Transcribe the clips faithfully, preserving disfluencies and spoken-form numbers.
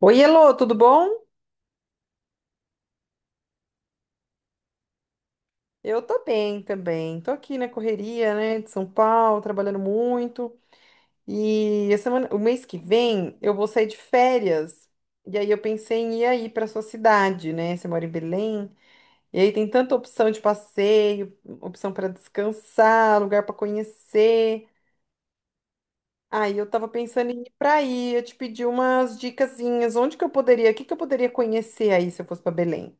Oi, Elô, tudo bom? Eu tô bem também. Tô aqui na correria, né, de São Paulo, trabalhando muito. E a semana, o mês que vem eu vou sair de férias. E aí eu pensei em ir aí para sua cidade, né? Você mora em Belém. E aí tem tanta opção de passeio, opção para descansar, lugar para conhecer. Aí eu tava pensando em ir para aí, eu te pedi umas dicasinhas, onde que eu poderia, o que que eu poderia conhecer aí se eu fosse para Belém?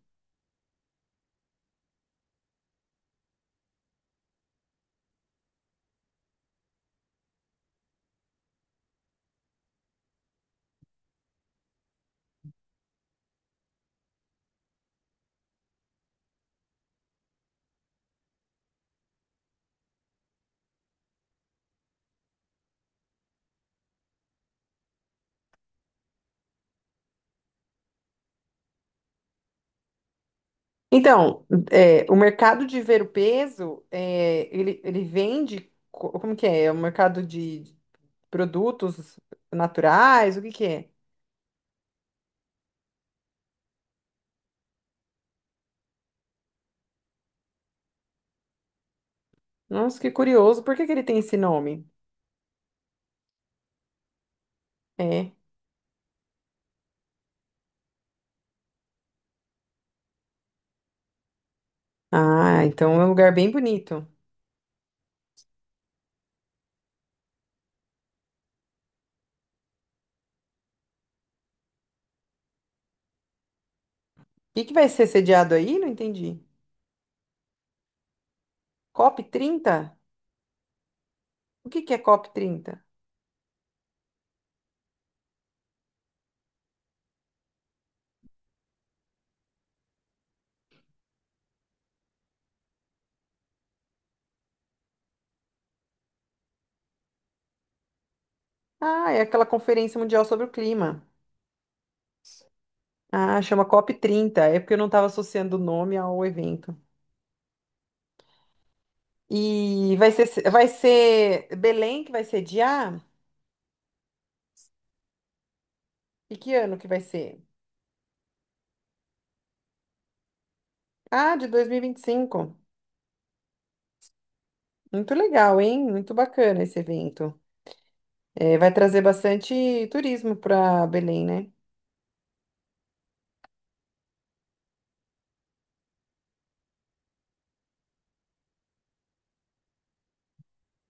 Então, é, o mercado de ver o peso, é, ele, ele vende, co- como que é? É um mercado de produtos naturais, o que que é? Nossa, que curioso, por que que ele tem esse nome? É. Ah, então é um lugar bem bonito. O que que vai ser sediado aí? Não entendi. COP trinta. O que que é COP trinta? Ah, é aquela Conferência Mundial sobre o Clima. Ah, chama COP trinta. É porque eu não estava associando o nome ao evento. E vai ser, vai ser Belém que vai sediar? E que ano que vai ser? Ah, de dois mil e e vinte e cinco. Muito legal, hein? Muito bacana esse evento. É, vai trazer bastante turismo para Belém, né?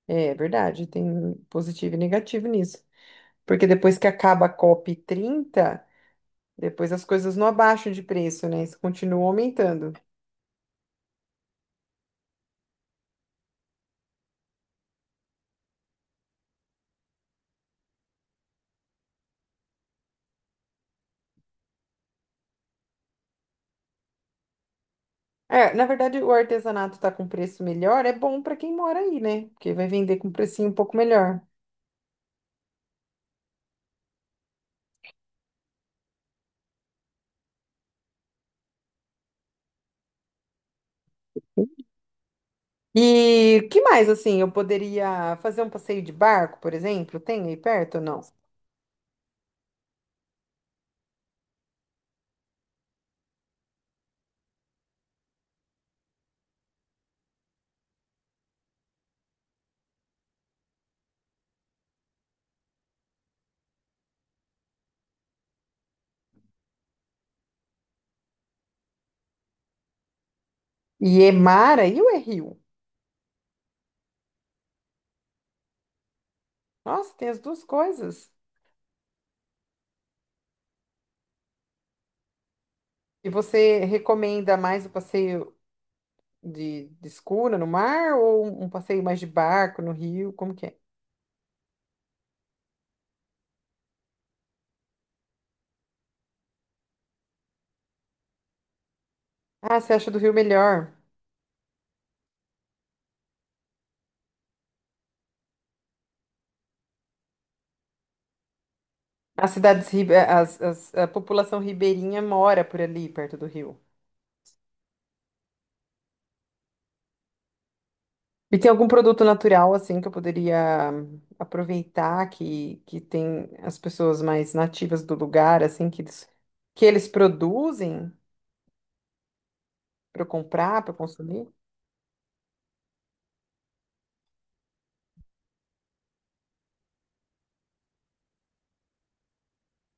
É verdade, tem positivo e negativo nisso. Porque depois que acaba a COP trinta, depois as coisas não abaixam de preço, né? Isso continua aumentando. É, na verdade, o artesanato tá com preço melhor, é bom para quem mora aí, né? Porque vai vender com precinho um pouco melhor. E o que mais, assim, eu poderia fazer um passeio de barco, por exemplo? Tem aí perto ou não? E é mar aí ou é rio? Nossa, tem as duas coisas. E você recomenda mais o passeio de, de escuna no mar ou um um passeio mais de barco no rio? Como que é? Ah, você acha do rio melhor? As cidades, ribe- as, as- a população ribeirinha mora por ali, perto do rio. E tem algum produto natural, assim, que eu poderia aproveitar, que, que tem as pessoas mais nativas do lugar, assim, que eles, que eles produzem para eu comprar, para eu consumir?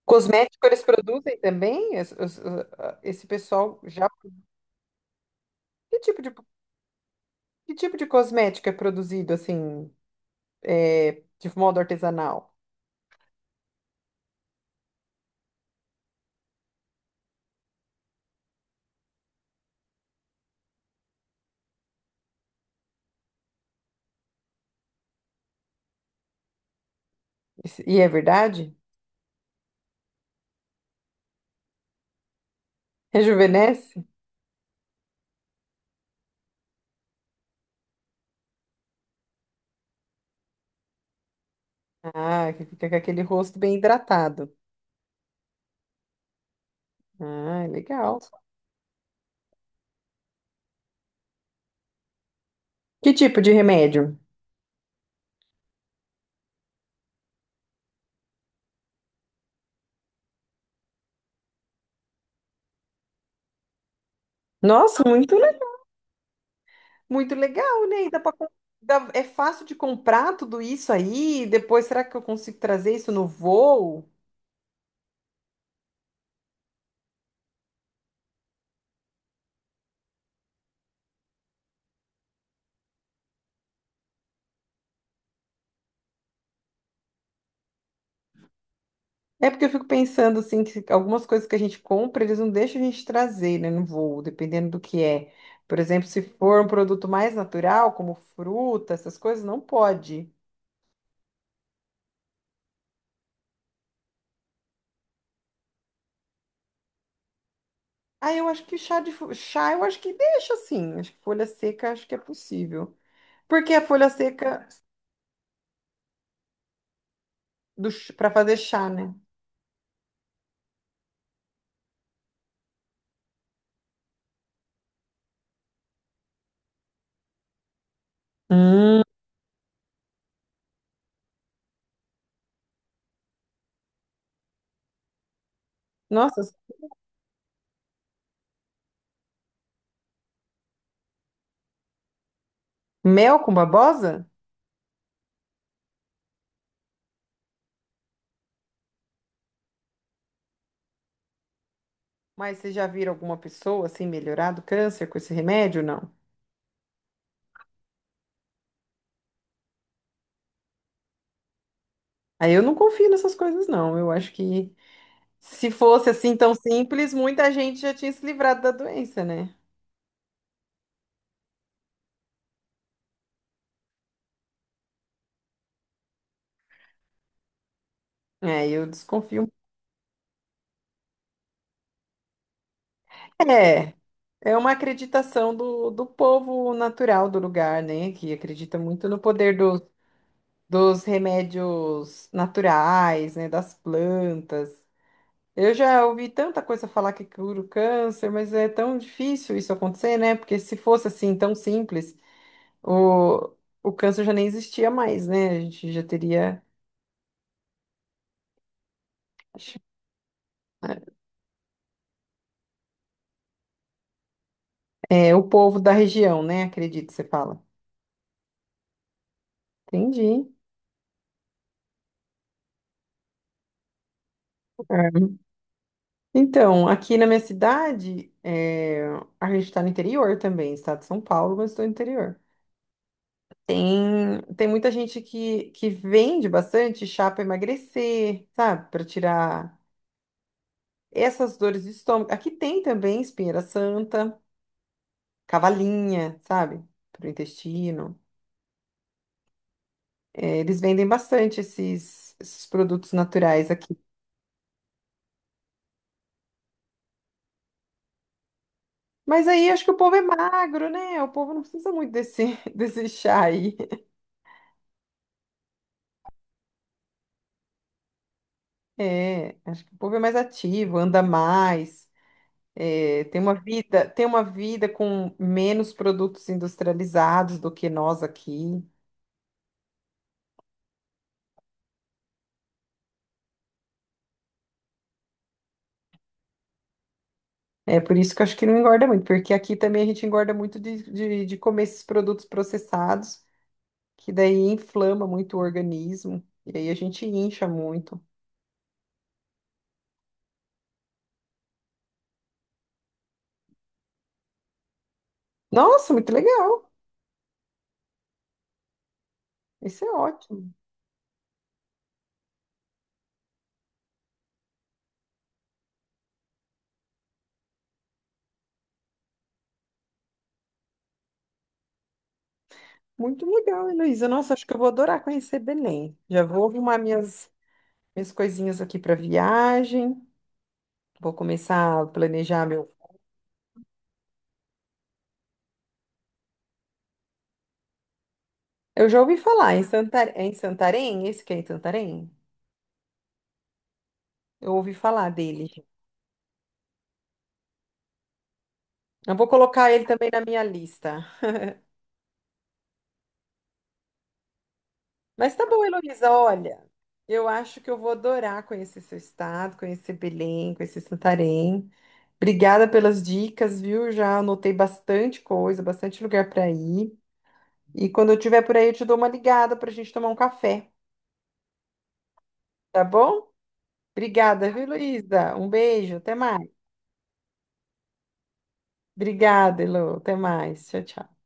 Cosmético eles produzem também? Es- os- ah, Esse pessoal já... Que tipo de, que tipo de cosmético é produzido, assim, é, de modo artesanal? Isso- E é verdade? Rejuvenesce? Ah, que fica com aquele rosto bem hidratado. Ah, legal. Que tipo de remédio? Nossa, muito Muito legal, né? E dá pra, com- dá- é fácil de comprar tudo isso aí. E depois, será que eu consigo trazer isso no voo? É porque eu fico pensando assim, que algumas coisas que a gente compra, eles não deixam a gente trazer, né, no voo, dependendo do que é. Por exemplo, se for um produto mais natural, como fruta, essas coisas, não pode. Ah, eu acho que chá de fo- chá, eu acho que deixa assim. Acho que folha seca, acho que é possível. Porque a folha seca do para fazer chá, né? Hum. Nossa, mel com babosa? Mas vocês já viram alguma pessoa assim melhorar do câncer com esse remédio? Não. Aí eu não confio nessas coisas, não. Eu acho que se fosse assim tão simples, muita gente já tinha se livrado da doença, né? É, eu desconfio. É, é uma acreditação do, do povo natural do lugar, né? Que acredita muito no poder dos dos remédios naturais, né? Das plantas. Eu já ouvi tanta coisa falar que cura o câncer, mas é tão difícil isso acontecer, né? Porque se fosse assim tão simples. O, o câncer já nem existia mais, né? A gente já teria. É, é, o povo da região, né? Acredito, você fala. Entendi. É. Então, aqui na minha cidade, é, a gente está no interior também, estado de São Paulo, mas estou no interior. Tem, tem muita gente que, que vende bastante chá para emagrecer, sabe? Para tirar essas dores de estômago. Aqui tem também espinheira santa, cavalinha, sabe? Para o intestino. É, eles vendem bastante esses, esses produtos naturais aqui. Mas aí acho que o povo é magro, né? O povo não precisa muito desse, desse chá aí. É, acho que o povo é mais ativo, anda mais, é, tem uma vida, tem uma vida, com menos produtos industrializados do que nós aqui. É por isso que eu acho que não engorda muito, porque aqui também a gente engorda muito de, de, de comer esses produtos processados, que daí inflama muito o organismo, e aí a gente incha muito. Nossa, muito legal! Isso é ótimo. Muito legal, Heloísa. Nossa, acho que eu vou adorar conhecer Belém. Já vou arrumar minhas, minhas coisinhas aqui para viagem. Vou começar a planejar meu. Eu já ouvi falar em Santarém. É em Santarém? Esse que é em Santarém? Eu ouvi falar dele. Eu vou colocar ele também na minha lista. Mas tá bom, Heloísa, olha. Eu acho que eu vou adorar conhecer seu estado, conhecer Belém, conhecer Santarém. Obrigada pelas dicas, viu? Já anotei bastante coisa, bastante lugar para ir. E quando eu estiver por aí, eu te dou uma ligada para a gente tomar um café, tá bom? Obrigada, viu, Luísa? Um beijo, até mais. Obrigada, Elô, até mais. Tchau, tchau.